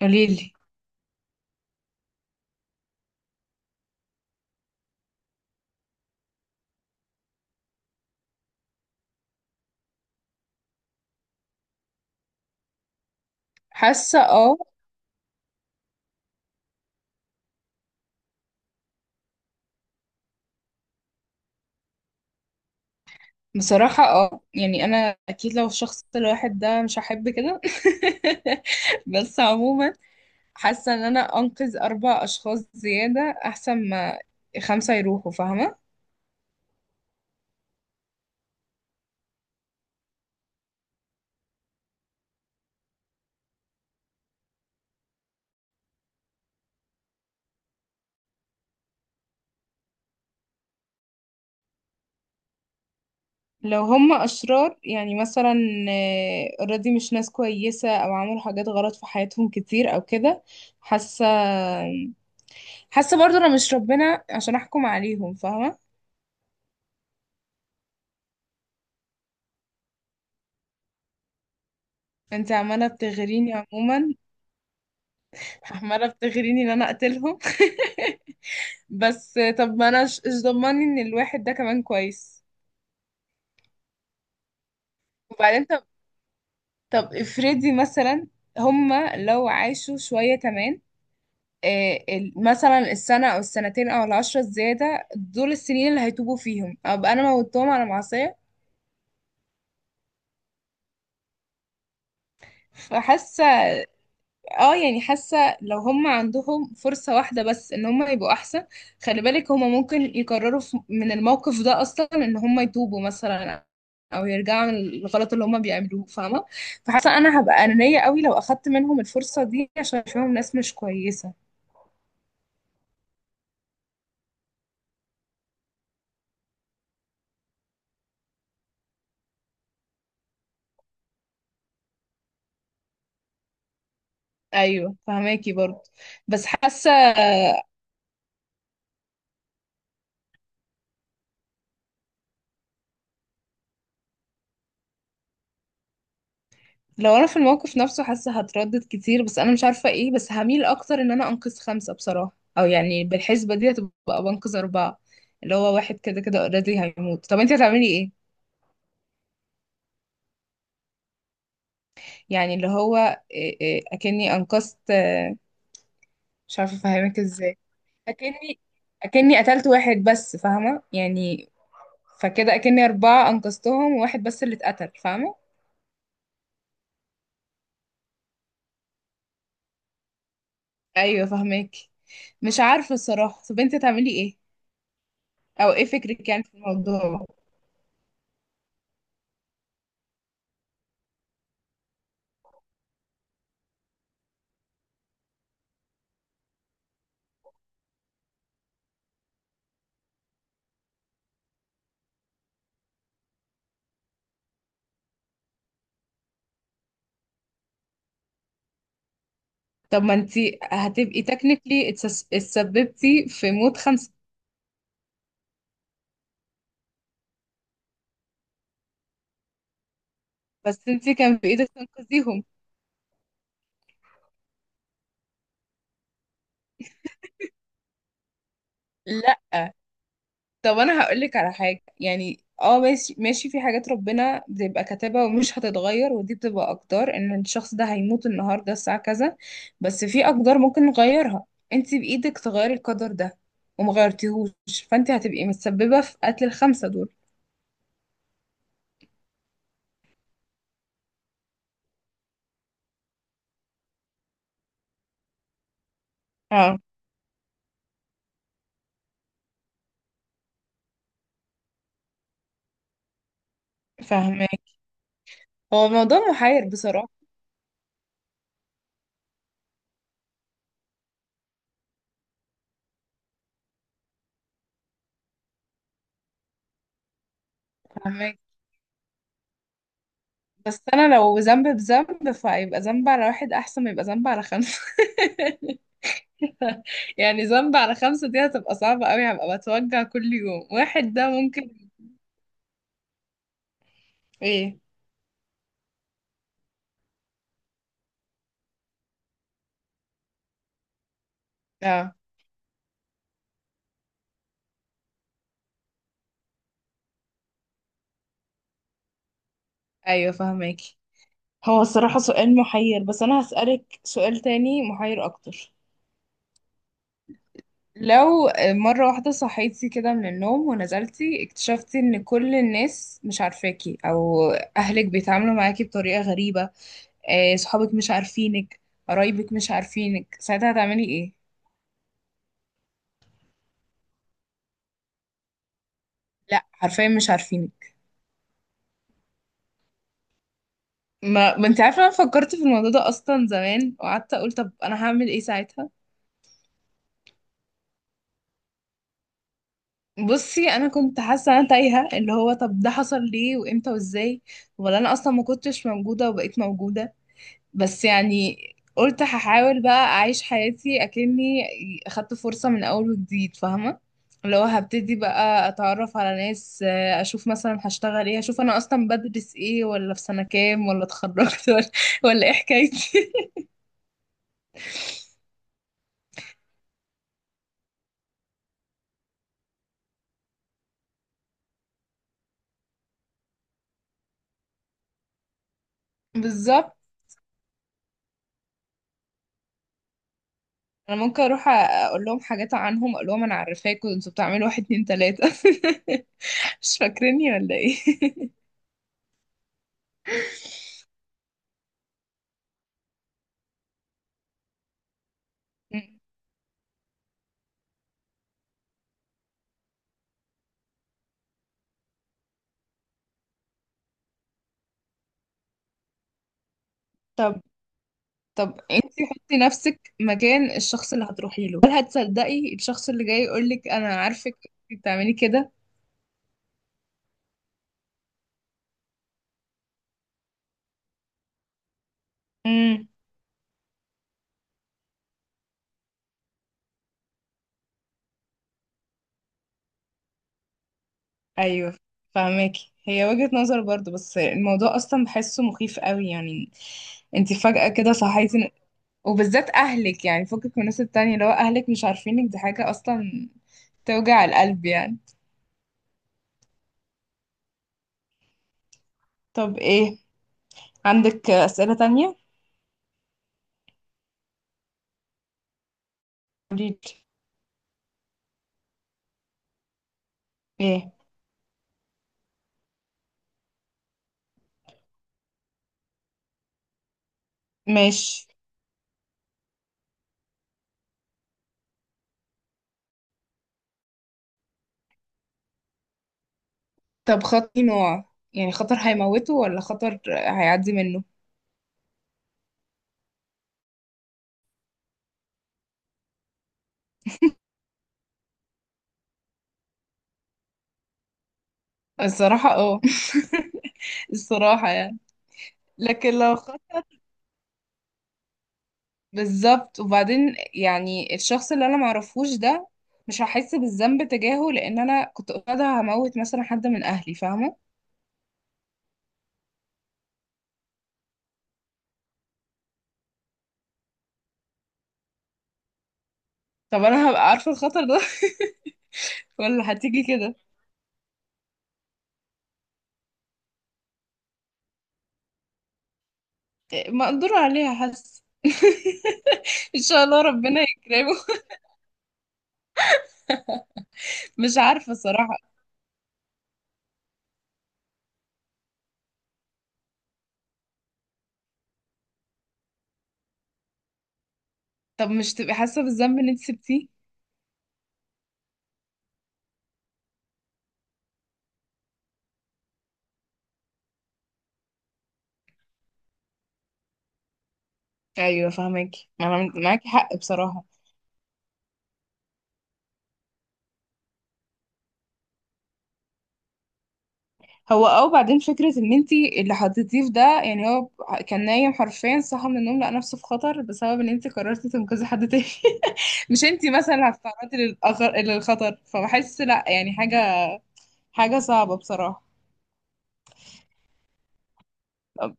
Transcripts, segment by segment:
قوليلي. حاسة اه. بصراحة اه، يعني انا اكيد لو الشخص الواحد ده مش هحب كده. بس عموما حاسة ان انا انقذ اربع اشخاص زيادة احسن ما خمسة يروحوا، فاهمة؟ لو هم اشرار يعني مثلا اوريدي مش ناس كويسة او عملوا حاجات غلط في حياتهم كتير او كده. حاسة حاسة برضو انا مش ربنا عشان احكم عليهم، فاهمة؟ انت عمالة بتغريني عموما. عمالة بتغريني ان انا اقتلهم. بس طب ما انا ايش ضمني ان الواحد ده كمان كويس؟ وبعدين طب افرضي مثلا هما لو عاشوا شوية كمان، مثلا السنة أو السنتين أو العشرة الزيادة دول السنين اللي هيتوبوا فيهم أبقى أنا موتتهم على معصية. فحاسة اه، يعني حاسه لو هم عندهم فرصه واحده بس ان هم يبقوا احسن. خلي بالك هم ممكن يقرروا من الموقف ده اصلا ان هم يتوبوا مثلا او يرجعوا من الغلط اللي هم بيعملوه، فاهمه؟ فحاسه انا هبقى انانيه قوي لو اخدت منهم الفرصه دي عشان اشوفهم ناس مش كويسه. ايوه فهماكي برضه، بس حاسه لو انا في الموقف نفسه حاسه هتردد كتير، بس انا مش عارفه ايه، بس هميل اكتر ان انا انقذ خمسه بصراحه. او يعني بالحسبه دي هتبقى بنقذ اربعه، اللي هو واحد كده كده اوريدي هيموت. طب انت هتعملي ايه؟ يعني اللي هو إيه اكني انقذت مش عارفه افهمك ازاي. اكني اكني قتلت واحد بس، فاهمه يعني؟ فكده اكني اربعه انقذتهم وواحد بس اللي اتقتل، فاهمه؟ ايوه فاهمك. مش عارفه الصراحه. طب انت هتعملي ايه؟ او ايه فكرك يعني في الموضوع؟ طب ما انتي هتبقي تكنيكلي اتسببتي في موت خمسة. بس انتي كان في ايدك تنقذيهم. لا طب انا هقولك على حاجه، يعني اه ماشي ماشي، في حاجات ربنا بتبقى كاتبها ومش هتتغير، ودي بتبقى اقدار ان الشخص ده هيموت النهارده الساعه كذا. بس في اقدار ممكن نغيرها. انت بايدك تغيري القدر ده وما غيرتيهوش، فانت هتبقي متسببه في قتل الخمسه دول. اه فاهمك. هو موضوع محير بصراحه. فاهمة. بس انا لو ذنب بذنب فهيبقى ذنب على واحد احسن ما يبقى ذنب على خمسة. يعني ذنب على خمسة دي هتبقى صعبة قوي، هبقى بتوجع كل يوم. واحد ده ممكن. ايه؟ اه. ايوه فهماكي. هو الصراحة سؤال محير، بس انا هسألك سؤال تاني محير اكتر. لو مرة واحدة صحيتي كده من النوم ونزلتي اكتشفتي ان كل الناس مش عارفاكي، او اهلك بيتعاملوا معاكي بطريقة غريبة، صحابك مش عارفينك، قرايبك مش عارفينك، ساعتها هتعملي ايه؟ لا حرفيا مش عارفينك. ما انت عارفه انا فكرت في الموضوع ده اصلا زمان وقعدت اقول طب انا هعمل ايه ساعتها. بصي انا كنت حاسه انا تايهه، اللي هو طب ده حصل ليه وامتى وازاي، ولا انا اصلا ما كنتش موجوده وبقيت موجوده. بس يعني قلت هحاول بقى اعيش حياتي اكني اخدت فرصه من اول وجديد، فاهمه؟ اللي هو هبتدي بقى اتعرف على ناس، اشوف مثلا هشتغل ايه، اشوف انا اصلا بدرس ايه ولا في سنه كام ولا اتخرجت ولا ايه حكايتي. بالظبط. انا ممكن اروح اقول لهم حاجات عنهم، اقول لهم انا عارفاكم انتوا بتعملوا واحد اتنين تلاتة. مش فاكريني ولا ايه؟ مم. طب. انتي حطي نفسك مكان الشخص اللي هتروحي له، هل هتصدقي الشخص اللي جاي يقول لك انا عارفك؟ انتي بتعملي كده؟ امم. ايوه فهماكي، هي وجهة نظر برضو، بس الموضوع اصلا بحسه مخيف قوي يعني. انتي فجأة كده صحيتي وبالذات اهلك، يعني فكك من الناس التانية، لو اهلك مش عارفينك دي حاجة اصلا توجع القلب يعني. طب ايه، عندك أسئلة تانية؟ قوليلي. ايه؟ ماشي. طب خطر نوع، يعني خطر هيموته ولا خطر هيعدي منه؟ الصراحة اه. الصراحة يعني. لكن لو خط بالظبط. وبعدين يعني الشخص اللي انا معرفوش ده مش هحس بالذنب تجاهه لان انا كنت قاعدة هموت مثلا حد من اهلي، فاهمة؟ طب انا هبقى عارفة الخطر ده؟ ولا هتيجي كده مقدور عليها؟ حاسة. ان شاء الله ربنا يكرمه. مش عارفة صراحة. طب مش تبقي حاسة بالذنب ان انت سبتيه؟ ايوه فاهمك. ما انا معاكي حق بصراحة. هو او بعدين فكرة ان انت اللي حطيتيه في ده، يعني هو كان نايم حرفيا، صحى من النوم لقى نفسه في خطر بسبب ان انت قررتي تنقذي حد تاني. مش انت مثلا اللي هتتعرضي للخطر، فبحس لا يعني حاجة. حاجة صعبة بصراحة. طب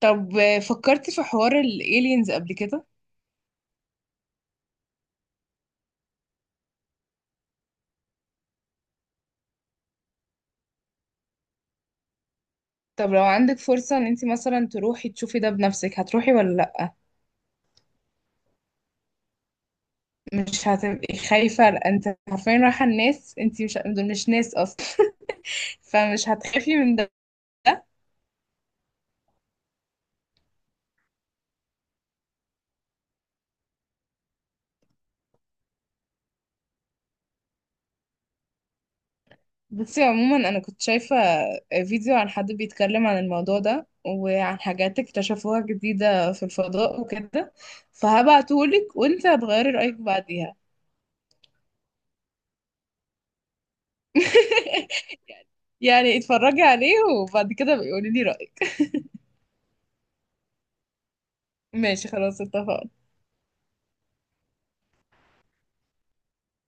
طب فكرتي في حوار الالينز قبل كده؟ طب لو عندك فرصة ان انت مثلا تروحي تشوفي ده بنفسك، هتروحي ولا لا؟ مش هتبقي خايفة؟ لأ، انت حرفيا رايحة الناس، انت مش دول مش ناس اصلا. فمش هتخافي من ده؟ بصي عموما انا كنت شايفة فيديو عن حد بيتكلم عن الموضوع ده وعن حاجات اكتشفوها جديدة في الفضاء وكده، فهبعتهولك وانت هتغيري رأيك بعديها. يعني اتفرجي عليه وبعد كده بقولي لي رأيك. ماشي خلاص اتفقنا.